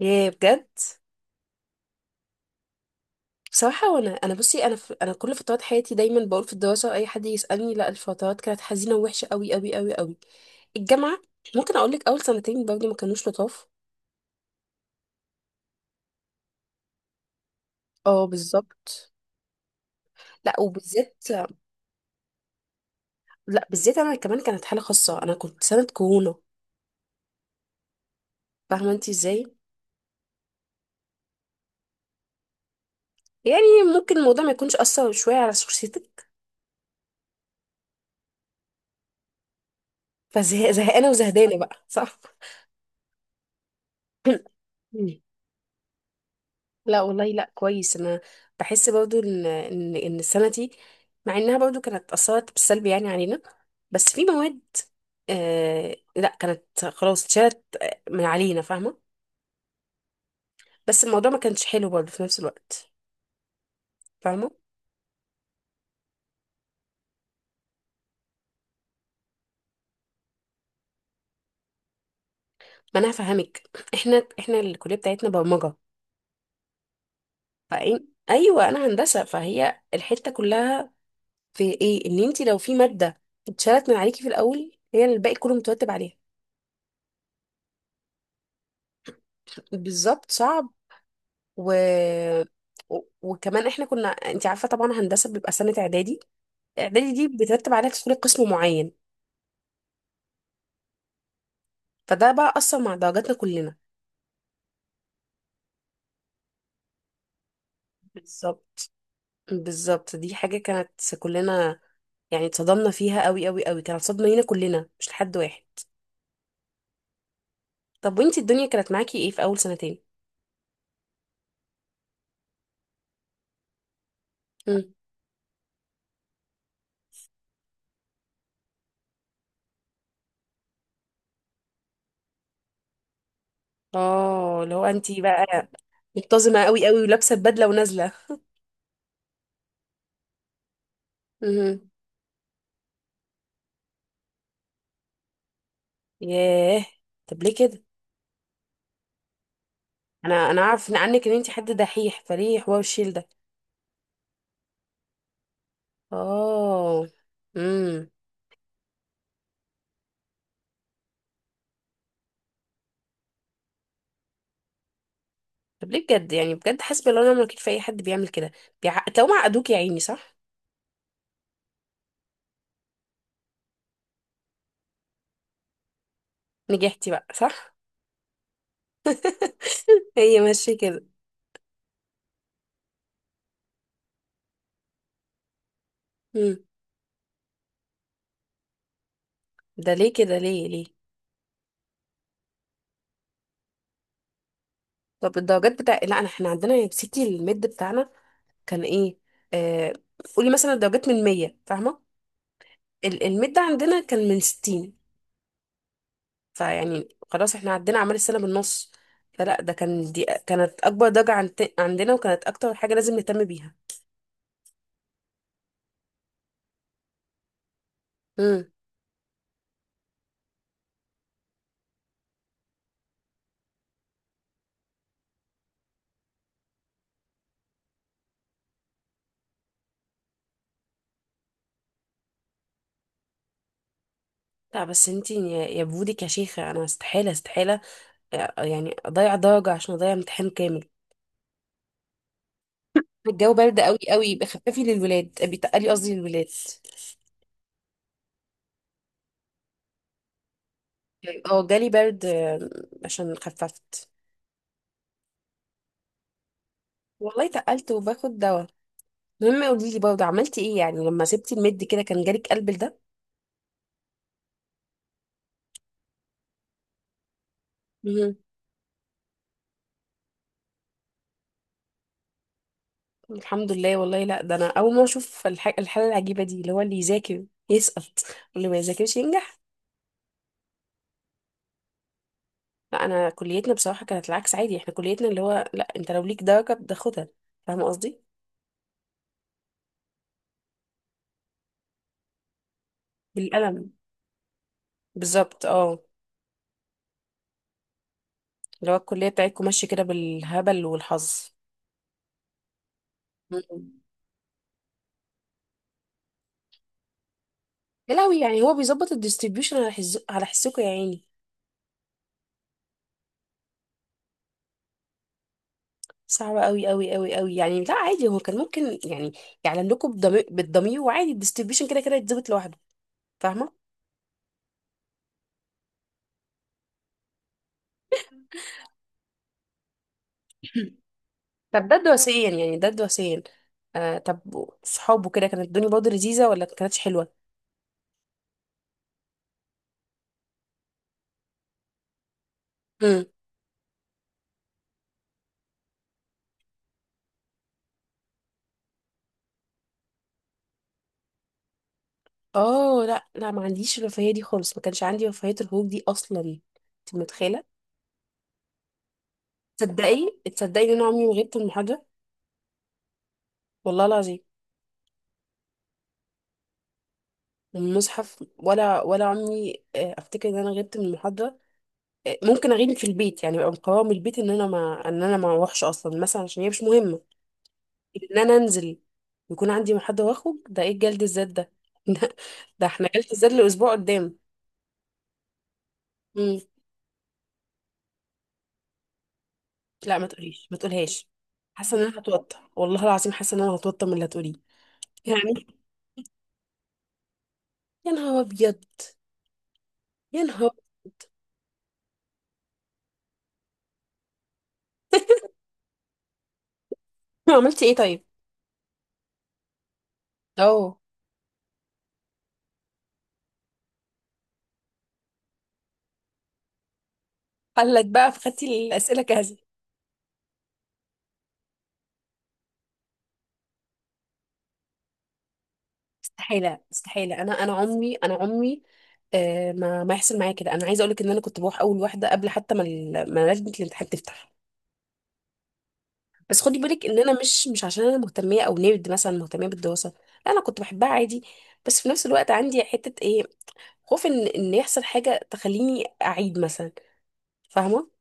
ياه، بجد. بصراحة وانا انا كل فترات حياتي دايما بقول في الدراسة، اي حد يسألني، لا الفترات كانت حزينة ووحشة قوي قوي قوي قوي. الجامعة ممكن اقول لك اول سنتين برضه ما كانوش لطاف. اه بالظبط. لا وبالذات. لا بالذات انا كمان كانت حالة خاصة، انا كنت سنة كورونا. فاهمة انت ازاي؟ يعني ممكن الموضوع ما يكونش اثر شوية على شخصيتك. فزهقانة وزهدانة بقى، صح. لا والله لا، كويس انا. بحس برضو ان السنه دي مع انها برضو كانت اثرت بالسلب يعني علينا، بس في مواد آه لا كانت خلاص اتشالت من علينا، فاهمه. بس الموضوع ما كانش حلو برضو في نفس الوقت، فاهمه. ما انا هفهمك. احنا الكليه بتاعتنا برمجه، فاين ايوه انا هندسه، فهي الحته كلها في ايه ان انت لو في ماده اتشالت من عليكي في الاول، هي الباقي كله مترتب عليها. بالظبط صعب. و... وكمان احنا كنا انت عارفه طبعا هندسه بيبقى سنه اعدادي، اعدادي دي بترتب عليها تدخلي قسم معين. فده بقى اثر مع درجاتنا كلنا. بالظبط. بالظبط دي حاجه كانت كلنا يعني اتصدمنا فيها قوي قوي قوي، كانت صدمه لينا كلنا مش لحد واحد. طب وانت الدنيا كانت معاكي ايه في اول سنتين؟ مم. اه اللي هو انت بقى متزنه قوي قوي ولابسه البدله ونازله. مهم. ياه، طب ليه كده؟ انا عارف إن عنك ان انت حد دحيح، فليه حوار الشيل ده؟ اه، امم. طب ليه بجد؟ يعني بجد حسبي الله ونعم الوكيل في اي حد بيعمل كده. لو معقدوك يا عيني، صح. نجحتي بقى، صح. هي ماشيه كده. امم. ده ليه كده؟ ليه؟ طب الدرجات بتاع، لا انا احنا عندنا يا ستي الميد بتاعنا كان ايه؟ آه... قولي مثلا الدرجات من 100، فاهمه. الميد عندنا كان من 60. فيعني خلاص احنا عدينا اعمال السنه بالنص، فلا ده كان دي كانت اكبر درجه عندنا، وكانت اكتر حاجه لازم نهتم بيها. امم. لا بس انتي يا بودك يا شيخة، انا استحالة استحالة يعني اضيع درجة عشان اضيع امتحان كامل. الجو برد قوي قوي، بخففي للولاد، بيتقلي قصدي للولاد. اه جالي برد عشان خففت. والله تقلت وباخد دواء. المهم قولي لي برضه عملتي ايه يعني لما سبتي المد كده، كان جالك قلب ده؟ مهم. الحمد لله والله. لا ده انا اول ما اشوف الحالة العجيبة دي، اللي هو اللي يذاكر يسقط واللي ما يذاكرش ينجح. لا انا كليتنا بصراحه كانت العكس عادي، احنا كليتنا اللي هو لا انت لو ليك درجه بتاخدها، فاهمه قصدي. بالقلم، بالظبط اه. اللي هو الكليه بتاعتكم ماشيه كده بالهبل والحظ. مم. يا لهوي، يعني هو بيظبط الديستريبيوشن على على حسكم يا عيني. صعبة قوي قوي قوي قوي يعني، لا عادي هو كان ممكن يعني يعلن لكم بالضمير، بالضمير، وعادي الديستريبيوشن كده كده يتظبط لوحده، فاهمة. طب ده دراسيا، يعني ده دراسيا. آه طب صحابه كده كانت الدنيا برضه لذيذة ولا كانتش حلوة؟ اه لا لا، ما عنديش الرفاهيه دي خالص، ما كانش عندي رفاهيه الخروج دي اصلا، انت متخيله. تصدقي تصدقي ان انا عمري ما غبت من محاضره. والله العظيم من المصحف، ولا عمري افتكر ان انا غبت من المحاضره. آه، ممكن اغيب في البيت، يعني ابقى مقرره من البيت ان انا ما اروحش اصلا مثلا عشان هي مش مهمه. ان انا انزل يكون عندي محاضره واخرج، ده ايه جلد الذات ده؟ ده, ده احنا جلد الذات لاسبوع قدام. مم. لا ما تقوليش، ما تقولهاش. حاسه ان انا هتوتر، والله العظيم حاسه ان انا هتوتر من اللي هتقوليه. يعني يا نهار ابيض، يا نهار. عملتي ايه طيب؟ اه، قال لك بقى، فخدتي الاسئله جاهزه. مستحيله مستحيله، انا عمري آه ما يحصل معايا كده. انا عايزه اقول لك ان انا كنت بروح اول واحده قبل حتى ما ما لجنه الامتحان تفتح. بس خدي بالك ان انا مش عشان انا مهتميه او نيرد مثلا مهتميه بالدراسه، لا انا كنت بحبها عادي، بس في نفس الوقت عندي حته ايه، خوف ان يحصل حاجه تخليني اعيد مثلا، فاهمه.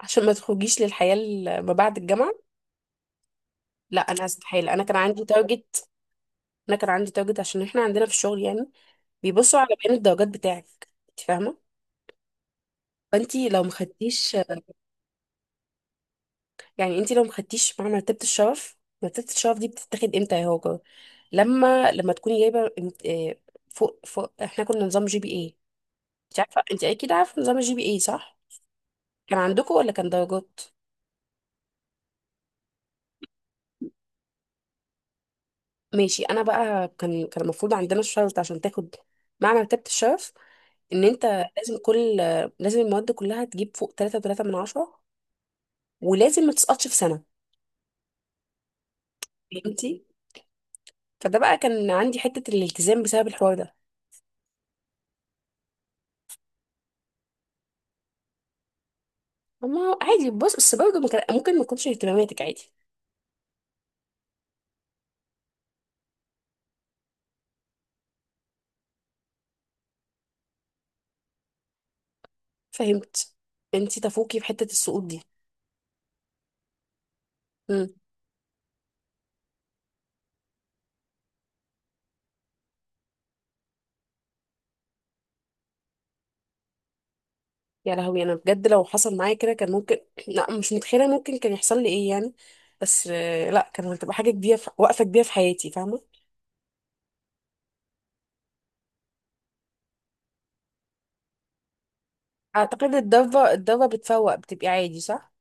عشان ما تخرجيش للحياه ما بعد الجامعه. لا انا استحيل، انا كان عندي تارجت، انا كان عندي تارجت عشان احنا عندنا في الشغل يعني بيبصوا على بيان الدرجات بتاعك، انت فاهمه. فانتي لو مخدتيش، يعني انتي لو مخدتيش مع مرتبه الشرف، مرتبه الشرف دي بتتاخد امتى يا هاجر؟ لما تكوني جايبه آه، فوق فوق. احنا كنا نظام جي بي اي، انت عارفه، انت اكيد عارفه نظام الجي بي اي، صح؟ كان عندكم ولا كان درجات؟ ماشي. انا بقى كان المفروض عندنا الشرط عشان تاخد مع مرتبه الشرف ان انت لازم كل، لازم المواد كلها تجيب فوق 3.3 من عشرة، ولازم ما تسقطش في سنة، فهمتي. فده بقى كان عندي حتة الالتزام بسبب الحوار ده. ما هو عادي، بص بس برضه ما كان- ممكن ما تكونش اهتماماتك، عادي. فهمت. انتي تفوقي في حتة السقوط دي. امم. يا لهوي، انا بجد لو حصل معايا كده كان ممكن لا مش متخيلة ممكن كان يحصل لي ايه يعني، بس آه، لا كان هتبقى حاجة كبيرة وقفة كبيرة في حياتي، فاهمة. اعتقد الضربة، بتفوق بتبقي عادي، صح.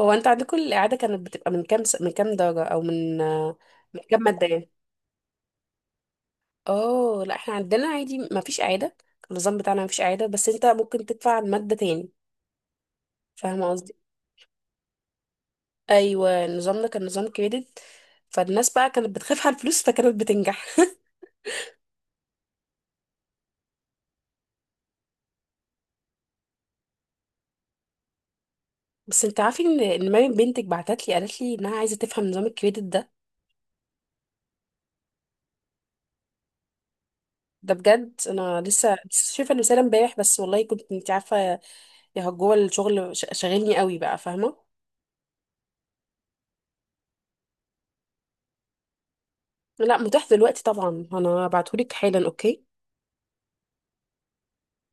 هو انت عندكم الإعادة كانت بتبقى من كام من كام درجة أو من آه، من كام مادة يعني؟ اه لا احنا عندنا عادي ما فيش إعادة، النظام بتاعنا ما فيش إعادة، بس انت ممكن تدفع عن مادة تاني، فاهمة قصدي؟ أيوة نظامنا كان نظام كريدت، فالناس بقى كانت بتخاف على الفلوس فكانت بتنجح. بس انت عارفة ان مريم بنتك بعتت لي قالت لي انها عايزة تفهم نظام الكريدت ده. ده بجد انا لسه شايفه الرساله امبارح بس، والله كنت انت عارفه يا جوه الشغل شاغلني قوي بقى، فاهمه. لا متاح دلوقتي طبعا، انا هبعتهولك حالا، اوكي.